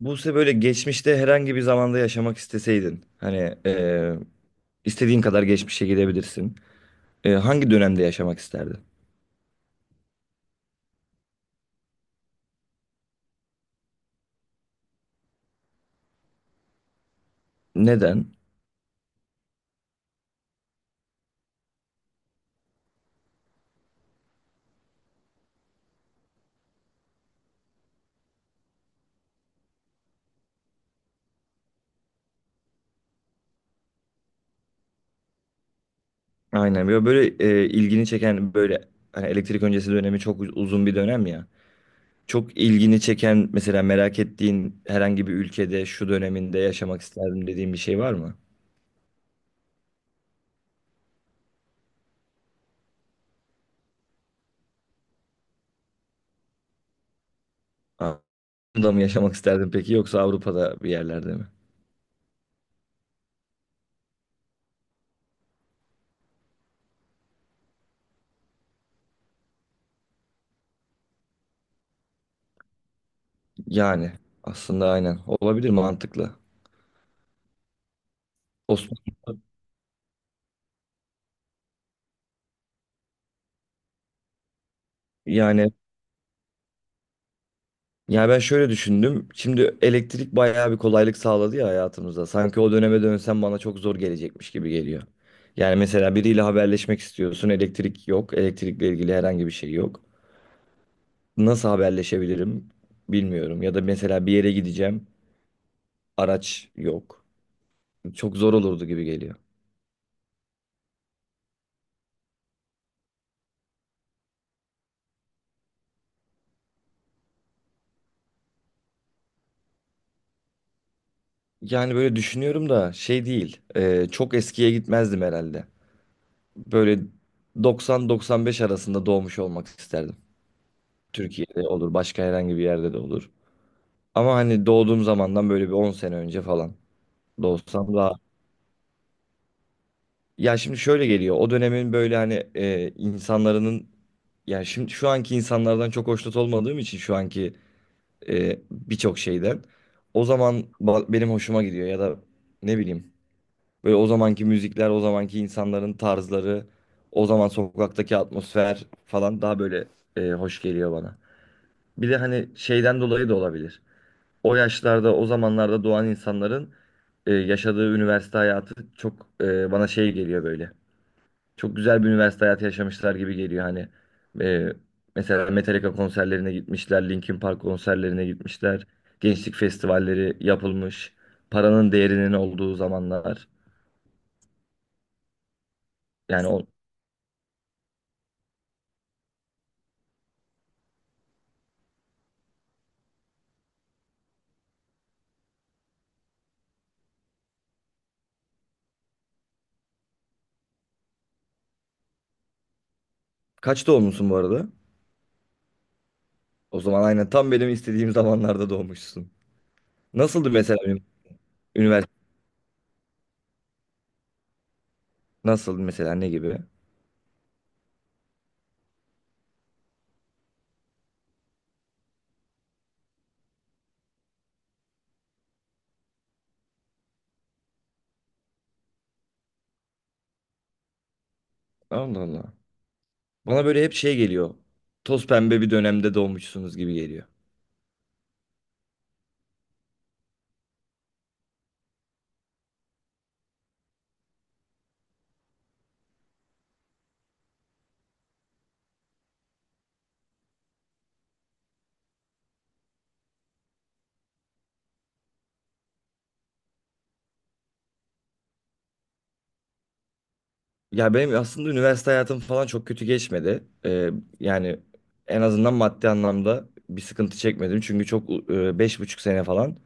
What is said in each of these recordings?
Buse böyle geçmişte herhangi bir zamanda yaşamak isteseydin hani istediğin kadar geçmişe gidebilirsin. Hangi dönemde yaşamak isterdin? Neden? Aynen böyle ilgini çeken böyle hani elektrik öncesi dönemi çok uzun bir dönem ya. Çok ilgini çeken mesela merak ettiğin herhangi bir ülkede şu döneminde yaşamak isterdim dediğin bir şey var mı? Avrupa'da mı yaşamak isterdin peki yoksa Avrupa'da bir yerlerde mi? Yani aslında aynen olabilir, mantıklı. Osmanlı, yani. Ya ben şöyle düşündüm. Şimdi elektrik bayağı bir kolaylık sağladı ya hayatımıza. Sanki o döneme dönsem bana çok zor gelecekmiş gibi geliyor. Yani mesela biriyle haberleşmek istiyorsun, elektrik yok, elektrikle ilgili herhangi bir şey yok. Nasıl haberleşebilirim, bilmiyorum. Ya da mesela bir yere gideceğim, araç yok. Çok zor olurdu gibi geliyor. Yani böyle düşünüyorum da şey değil, çok eskiye gitmezdim herhalde. Böyle 90-95 arasında doğmuş olmak isterdim. Türkiye'de olur, başka herhangi bir yerde de olur. Ama hani doğduğum zamandan böyle bir 10 sene önce falan doğsam daha. Ya şimdi şöyle geliyor. O dönemin böyle hani insanların, ya şimdi şu anki insanlardan çok hoşnut olmadığım için şu anki birçok şeyden o zaman benim hoşuma gidiyor ya da ne bileyim, böyle o zamanki müzikler, o zamanki insanların tarzları, o zaman sokaktaki atmosfer falan daha böyle hoş geliyor bana. Bir de hani şeyden dolayı da olabilir. O yaşlarda, o zamanlarda doğan insanların yaşadığı üniversite hayatı çok, bana şey geliyor böyle. Çok güzel bir üniversite hayatı yaşamışlar gibi geliyor hani. E, Mesela Metallica konserlerine gitmişler, Linkin Park konserlerine gitmişler. Gençlik festivalleri yapılmış. Paranın değerinin olduğu zamanlar. Yani o, kaç doğmuşsun bu arada? O zaman aynen tam benim istediğim zamanlarda doğmuşsun. Nasıldı mesela benim üniversite? Nasıldı mesela, ne gibi? Allah Allah. Bana böyle hep şey geliyor. Toz pembe bir dönemde doğmuşsunuz gibi geliyor. Ya benim aslında üniversite hayatım falan çok kötü geçmedi. Yani en azından maddi anlamda bir sıkıntı çekmedim. Çünkü çok, 5,5 sene falan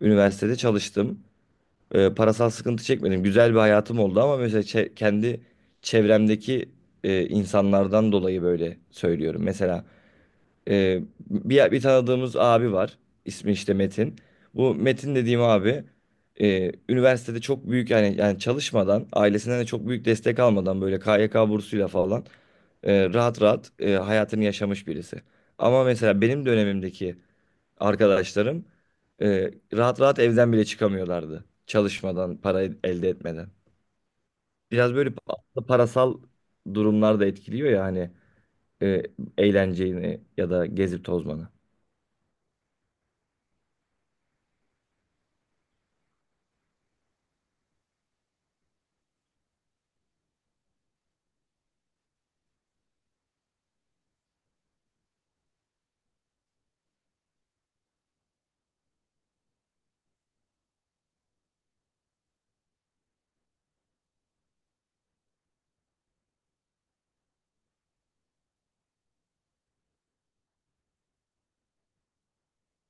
üniversitede çalıştım. Parasal sıkıntı çekmedim. Güzel bir hayatım oldu ama mesela kendi çevremdeki insanlardan dolayı böyle söylüyorum. Mesela Ee, bir tanıdığımız abi var. İsmi işte Metin. Bu Metin dediğim abi üniversitede çok büyük, yani çalışmadan, ailesinden de çok büyük destek almadan, böyle KYK bursuyla falan rahat rahat hayatını yaşamış birisi. Ama mesela benim dönemimdeki arkadaşlarım rahat rahat evden bile çıkamıyorlardı. Çalışmadan, para elde etmeden. Biraz böyle parasal durumlar da etkiliyor ya hani e, eğlenceyi ya da gezip tozmanı.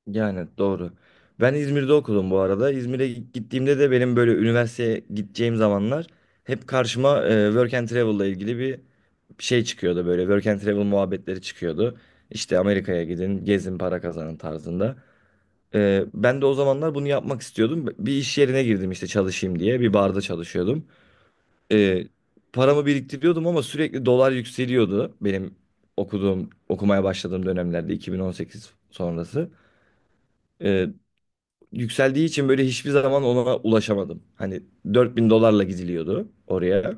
Yani doğru. Ben İzmir'de okudum bu arada. İzmir'e gittiğimde de benim böyle üniversiteye gideceğim zamanlar hep karşıma work and travel'la ilgili bir şey çıkıyordu böyle. Work and travel muhabbetleri çıkıyordu. İşte Amerika'ya gidin, gezin, para kazanın tarzında. Ben de o zamanlar bunu yapmak istiyordum. Bir iş yerine girdim işte çalışayım diye. Bir barda çalışıyordum. E, Paramı biriktiriyordum ama sürekli dolar yükseliyordu benim okuduğum, okumaya başladığım dönemlerde, 2018 sonrası. E, Yükseldiği için böyle hiçbir zaman ona ulaşamadım. Hani 4.000 dolarla gidiliyordu oraya.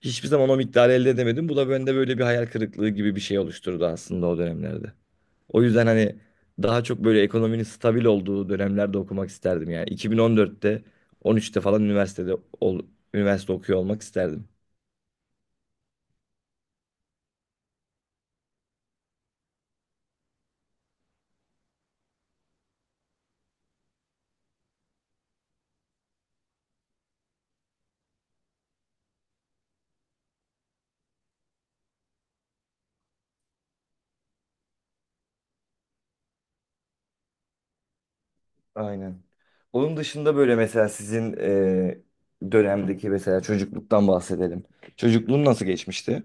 Hiçbir zaman o miktarı elde edemedim. Bu da bende böyle bir hayal kırıklığı gibi bir şey oluşturdu aslında o dönemlerde. O yüzden hani daha çok böyle ekonominin stabil olduğu dönemlerde okumak isterdim yani. 2014'te, 13'te falan üniversitede ol- üniversite okuyor olmak isterdim. Aynen. Onun dışında böyle mesela sizin dönemdeki, mesela çocukluktan bahsedelim. Çocukluğun nasıl geçmişti?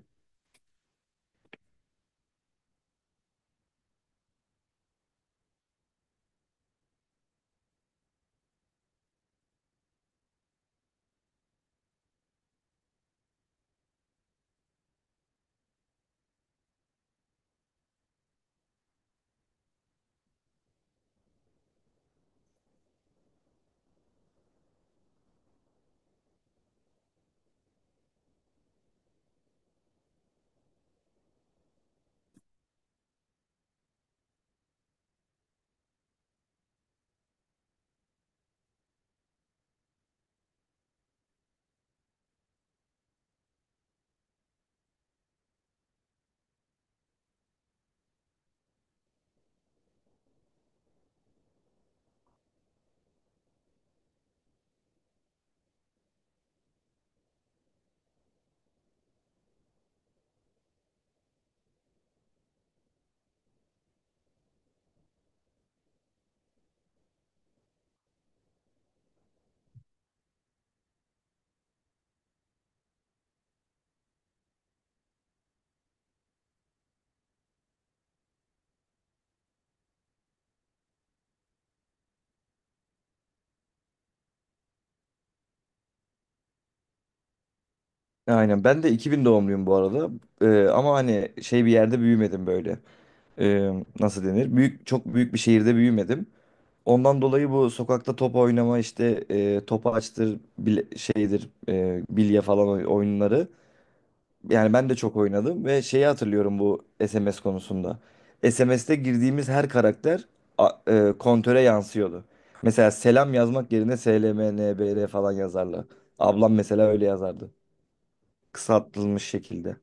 Aynen. Ben de 2000 doğumluyum bu arada. Ama hani şey bir yerde büyümedim böyle. Ee, Nasıl denir? Büyük, çok büyük bir şehirde büyümedim. Ondan dolayı bu sokakta top oynama, işte topaçtır bile, şeydir bilye falan oyunları, yani ben de çok oynadım. Ve şeyi hatırlıyorum bu SMS konusunda. SMS'te girdiğimiz her karakter kontöre yansıyordu. Mesela selam yazmak yerine SLMNBR falan yazarlar. Ablam mesela öyle yazardı. Kısaltılmış şekilde.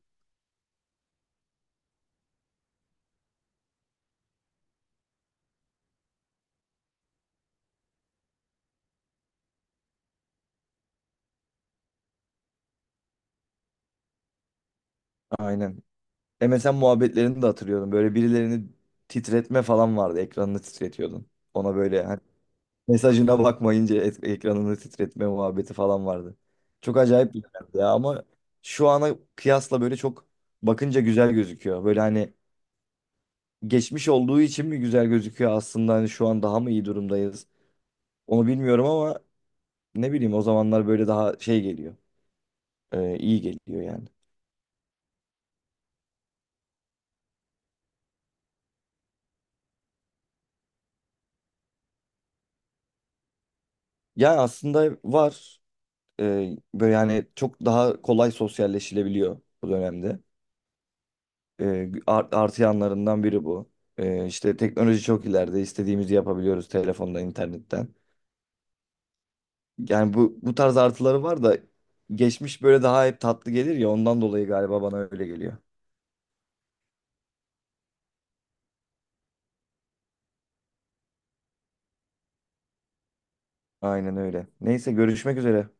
Aynen. MSN muhabbetlerini de hatırlıyorum. Böyle birilerini titretme falan vardı. Ekranını titretiyordun. Ona böyle hani, mesajına bakmayınca ekranını titretme muhabbeti falan vardı. Çok acayip bir dönemdi ya ama şu ana kıyasla böyle çok, bakınca güzel gözüküyor. Böyle hani geçmiş olduğu için mi güzel gözüküyor, aslında hani şu an daha mı iyi durumdayız? Onu bilmiyorum ama ne bileyim, o zamanlar böyle daha şey geliyor. İyi geliyor yani. Ya aslında var. Böyle yani çok daha kolay sosyalleşilebiliyor bu dönemde. Artı yanlarından biri bu. İşte teknoloji çok ileride. İstediğimizi yapabiliyoruz telefonda, internetten. Yani bu tarz artıları var da geçmiş böyle daha hep tatlı gelir ya, ondan dolayı galiba bana öyle geliyor. Aynen öyle. Neyse, görüşmek üzere.